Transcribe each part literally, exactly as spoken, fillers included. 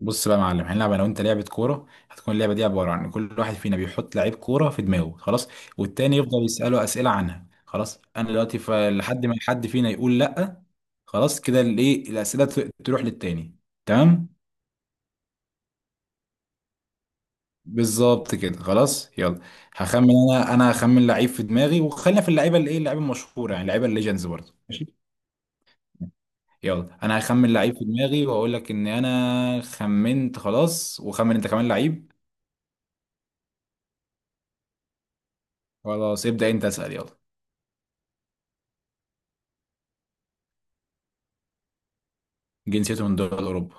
بص بقى يا معلم، هنلعب انا وانت لعبه كوره. هتكون اللعبه دي عباره عن كل واحد فينا بيحط لعيب كوره في دماغه، خلاص، والتاني يفضل يساله اسئله عنها. خلاص، انا دلوقتي ف- لحد ما حد فينا يقول لا. خلاص كده، الايه، الاسئله ت- تروح للتاني. تمام. بالظبط كده، خلاص يلا. هخمن انا، انا هخمن لعيب في دماغي، وخلينا في اللعيبه، الايه، اللعيبه المشهوره يعني، اللعيبه الليجندز برضه، ماشي. يلا انا هخمن لعيب في دماغي واقول لك ان انا خمنت خلاص، وخمن انت كمان لعيب. خلاص، ابدأ انت اسأل يلا. جنسيته من دول أوروبا.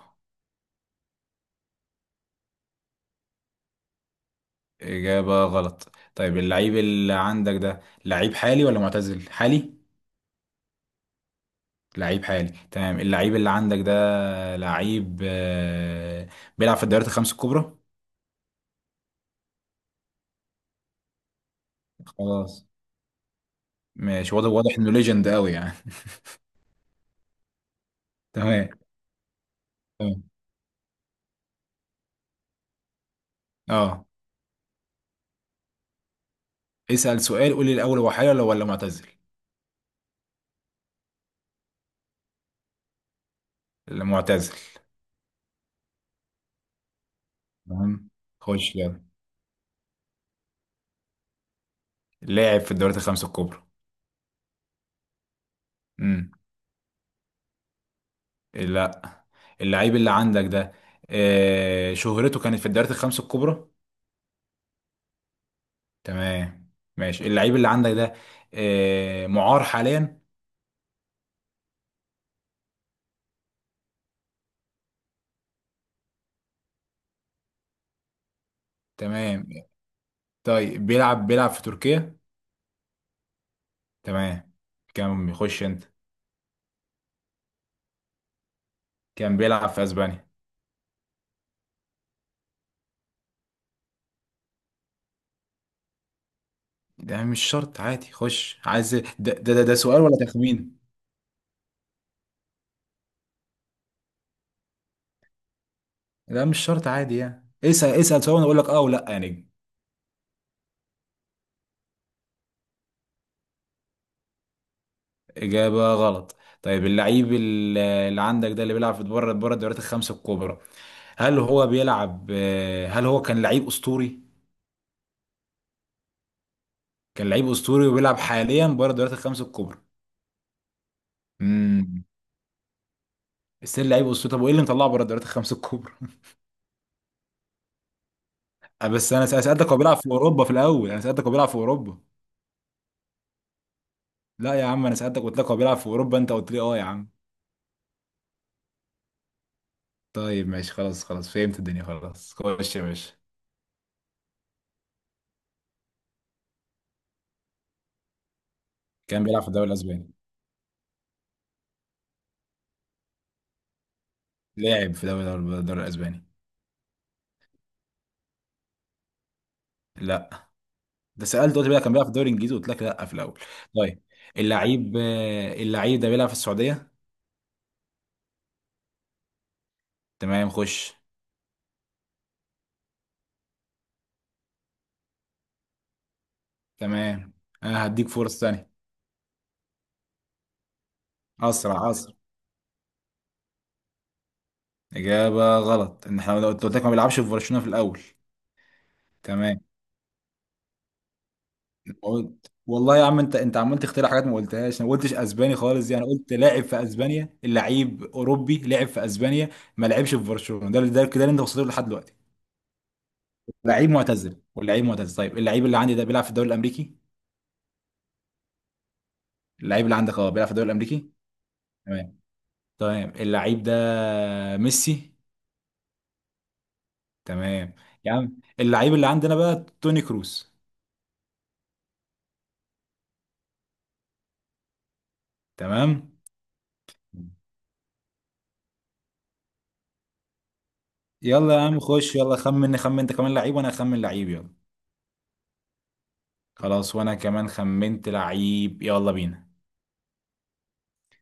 إجابة غلط. طيب اللعيب اللي عندك ده لعيب حالي ولا معتزل؟ حالي. لعيب حالي، تمام. اللعيب اللي عندك ده لعيب آه، بيلعب في الدوريات الخمس الكبرى؟ خلاص. ماشي، واضح واضح إنه ليجند قوي يعني. تمام. تمام. اه، اسأل سؤال، قول لي الأول هو حالي ولا ولا معتزل؟ معتزل، تمام. خش يلا. لاعب في الدوريات الخمس الكبرى. امم لا. اللعيب اللي عندك ده آه، شهرته كانت في الدوريات الخمس الكبرى. تمام. ماشي، اللعيب اللي عندك ده آه، معار حاليا. تمام. طيب بيلعب بيلعب في تركيا؟ تمام. كان بيخش انت. كان بيلعب في اسبانيا. ده مش شرط، عادي، خش عايز. ده ده ده, ده سؤال ولا تخمين؟ لا مش شرط عادي يعني، اسأل اسأل سؤال وانا اقول لك اه ولا يا نجم. اجابة غلط. طيب اللعيب اللي اللي عندك ده، اللي بيلعب في بره بره الدوريات الخمس الكبرى، هل هو بيلعب آه، هل هو كان لعيب اسطوري؟ كان لعيب اسطوري وبيلعب حاليا بره الدوريات الخمس الكبرى. امم ستيل لعيب اسطوري، طب وايه اللي مطلعه بره الدوريات الخمس الكبرى؟ آه، بس انا سالتك هو بيلعب في اوروبا في الاول، انا سالتك هو بيلعب في اوروبا. لا يا عم، انا سالتك قلت لك هو بيلعب في اوروبا، انت قلت لي اه يا عم. طيب ماشي، خلاص خلاص فهمت الدنيا، خلاص خش يا باشا. كان بيلعب في الدوري الاسباني. لاعب في دوري الدوري الاسباني. لا. ده سالت قلت لي لا، كان بيلعب في الدوري الانجليزي قلت لك لا في الاول. طيب، اللعيب آه، اللعيب ده بيلعب في السعوديه؟ تمام خش. تمام، انا هديك فرصة ثانية. اسرع اسرع. اجابة غلط، ان احنا قلت قلت لك ما بيلعبش في برشلونة في الاول. تمام. قلت والله يا عم، انت انت عمال تخترع حاجات ما قلتهاش، انا ما قلتش اسباني خالص يعني، قلت لاعب في اسبانيا، لعيب اوروبي لعب في اسبانيا، ما لعبش في برشلونة، ده ده كده اللي انت وصلت له لحد دلوقتي. لعيب معتزل واللعيب معتزل، طيب اللعيب اللي عندي ده بيلعب في الدوري الامريكي؟ اللعيب اللي عندك اه بيلعب في الدوري الامريكي. تمام. تمام، اللعيب ده ميسي. تمام. يا عم اللعيب اللي عندنا بقى توني كروس. تمام. يلا يا عم خش يلا، خمن خمن انت كمان لعيب وانا اخمن لعيب يلا. خلاص وانا كمان خمنت لعيب، يلا بينا.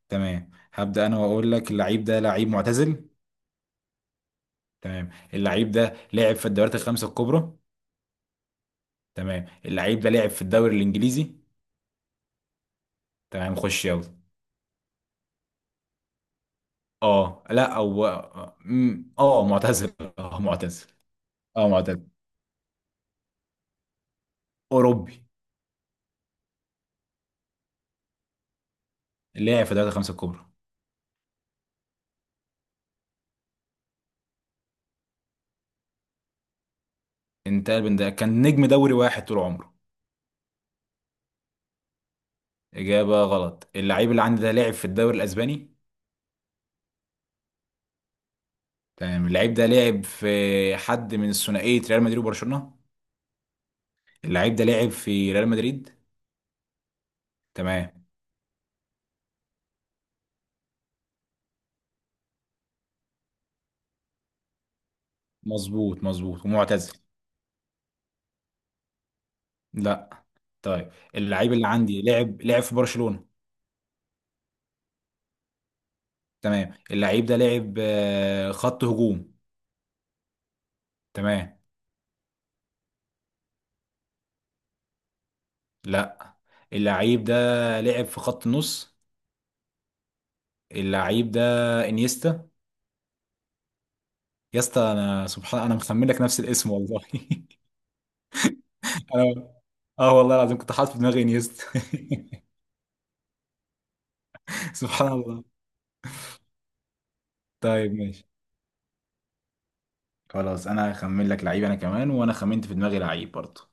تمام، هبدأ انا واقول لك اللعيب ده لعيب معتزل. تمام، اللعيب ده لعب في الدوريات الخمسة الكبرى. تمام، اللعيب ده لعب في الدوري الانجليزي. تمام خش يلا. اه لا او م- اه معتزل. اه معتزل. اه معتزل. اوروبي. لعب في الدوريات الخمسة الكبرى. انتقل من ده، كان نجم دوري واحد طول عمره. إجابة غلط. اللعيب اللي عندي ده لعب في الدوري الأسباني. تمام، اللعيب ده لعب في حد من ثنائية ريال مدريد وبرشلونة. اللعيب ده لعب في ريال مدريد؟ تمام. مظبوط مظبوط ومعتزل. لا. طيب اللعيب اللي عندي لعب لعب في برشلونة. تمام، اللعيب ده لعب آه، خط هجوم؟ تمام. لا، اللعيب ده لعب في خط النص. اللعيب ده انيستا. يا اسطى انا، سبحان، انا مخمن لك نفس الاسم والله. اه. اه والله العظيم كنت حاطط في دماغي انيستا. سبحان الله. طيب ماشي، خلاص انا هخمن لك لعيب انا كمان، وانا خمنت في دماغي لعيب برضه.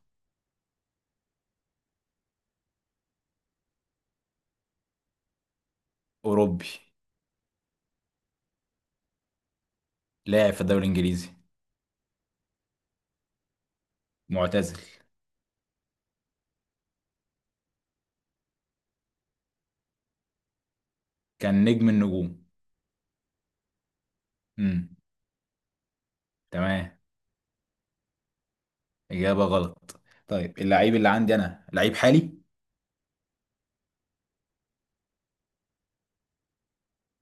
اوروبي. لاعب في الدوري الانجليزي. معتزل. كان نجم النجوم. امم تمام. اجابه غلط. طيب اللعيب اللي عندي انا لعيب حالي.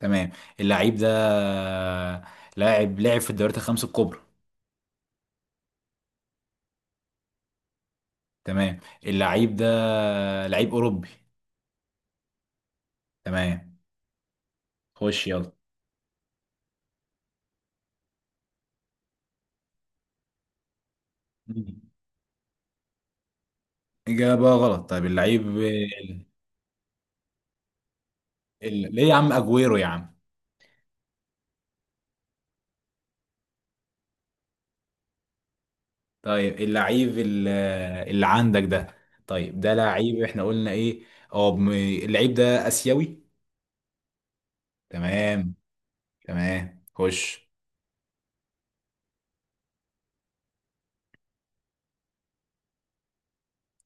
تمام، اللعيب ده لاعب لعب في الدوريات الخمس الكبرى. تمام، اللعيب ده لعيب اوروبي. تمام خش يلا. إجابة غلط. طيب اللعيب ال... ال... ليه يا عم أجويرو يا عم. طيب اللعيب ال- اللي عندك ده، طيب ده لعيب احنا قلنا ايه؟ اه بم- اللعيب ده آسيوي؟ تمام. تمام خش.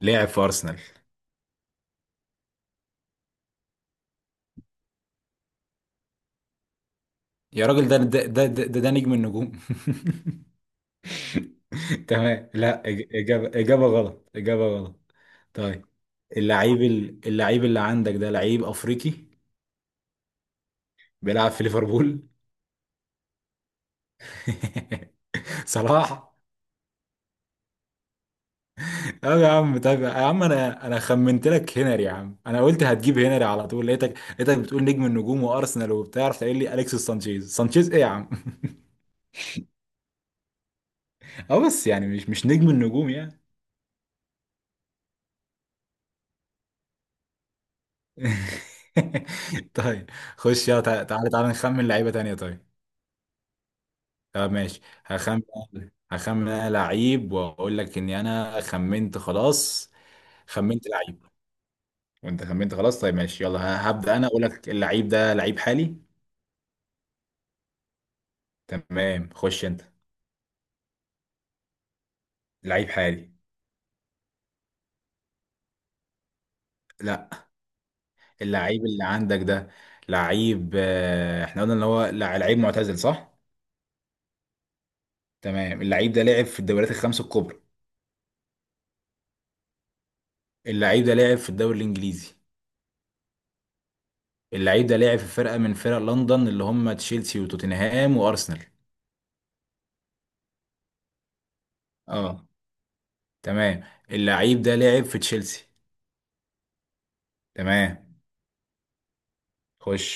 لعب في أرسنال. يا راجل ده ده ده ده, ده, ده نجم النجوم. تمام لا، إج- إجابة إجابة غلط. إجابة غلط. طيب اللعيب ال- اللعيب اللي عندك ده لعيب أفريقي، بيلعب في ليفربول. صلاح. اه يا عم، طيب يا عم انا، انا خمنت لك هنري يا عم، انا قلت هتجيب هنري على طول، لقيتك لقيتك بتقول نجم النجوم وارسنال وبتاع، رحت قايل لي اليكس سانشيز، سانشيز ايه يا عم. اه بس يعني مش مش نجم النجوم يعني. طيب خش يلا، تع- تعالى تعالى نخمن لعيبه تانية طيب. طب ماشي، هخمن. هخمن انا لعيب واقول لك اني انا خمنت خلاص. خمنت لعيب، وانت خمنت خلاص، طيب ماشي يلا، ه- هبدأ انا اقول لك اللعيب ده لعيب حالي. تمام خش انت. لعيب حالي. لا. اللعيب اللي عندك ده لعيب آه، احنا قلنا ان هو لع- لعيب معتزل صح؟ تمام، اللعيب ده لعب في الدوريات الخمس الكبرى. اللعيب ده لعب في الدوري الانجليزي. اللعيب ده لعب في فرقة من فرق لندن اللي هم تشيلسي وتوتنهام وارسنال. اه. تمام. اللعيب ده لعب في تشيلسي؟ تمام خش.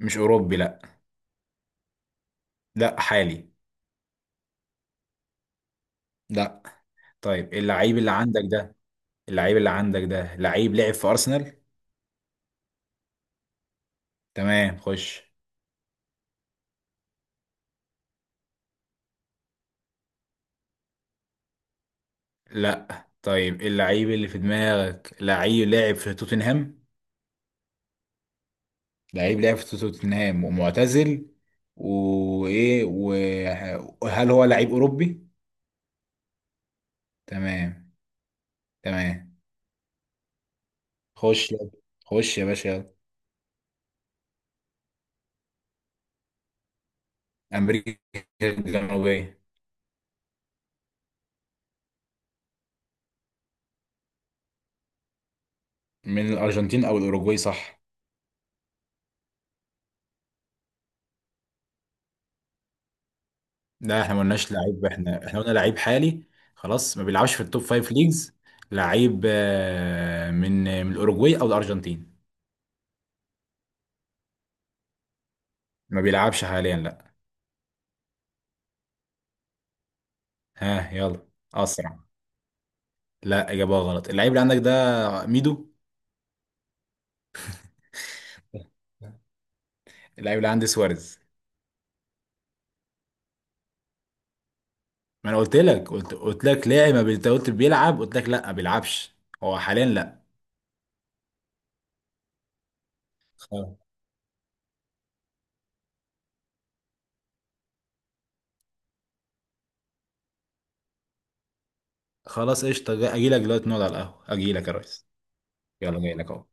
مش اوروبي لا. لا حالي. لا. طيب اللعيب اللي عندك ده، اللعيب اللي عندك ده لعيب لعب في ارسنال؟ تمام خش. لا. طيب اللعيب اللي في دماغك لعيب لاعب في توتنهام. لعيب لاعب في توتنهام ومعتزل. وايه، وهل هو لعيب اوروبي؟ تمام. تمام. خش يلا. خش يا باشا يلا. امريكا الجنوبيه. من الارجنتين او الاوروجواي صح. لا احنا ما قلناش لعيب، احنا احنا قلنا لعيب حالي. خلاص، ما بيلعبش في التوب فايف ليجز. لعيب آه، من من الاوروجواي او الارجنتين. ما بيلعبش حاليا لا. ها يلا. اسرع. لا اجابه غلط. اللعيب اللي عندك ده ميدو. اللعيب اللي عندي سواريز. ما انا قلت لك، قلت قلت لك لاعب ما بي- انت قلت بيلعب، قلت لك لا ما بيلعبش. هو حاليا لا. خلاص قشطه، اجي لك دلوقتي نقعد على القهوه، اجي لك يا ريس. يلا جاي لك اهو.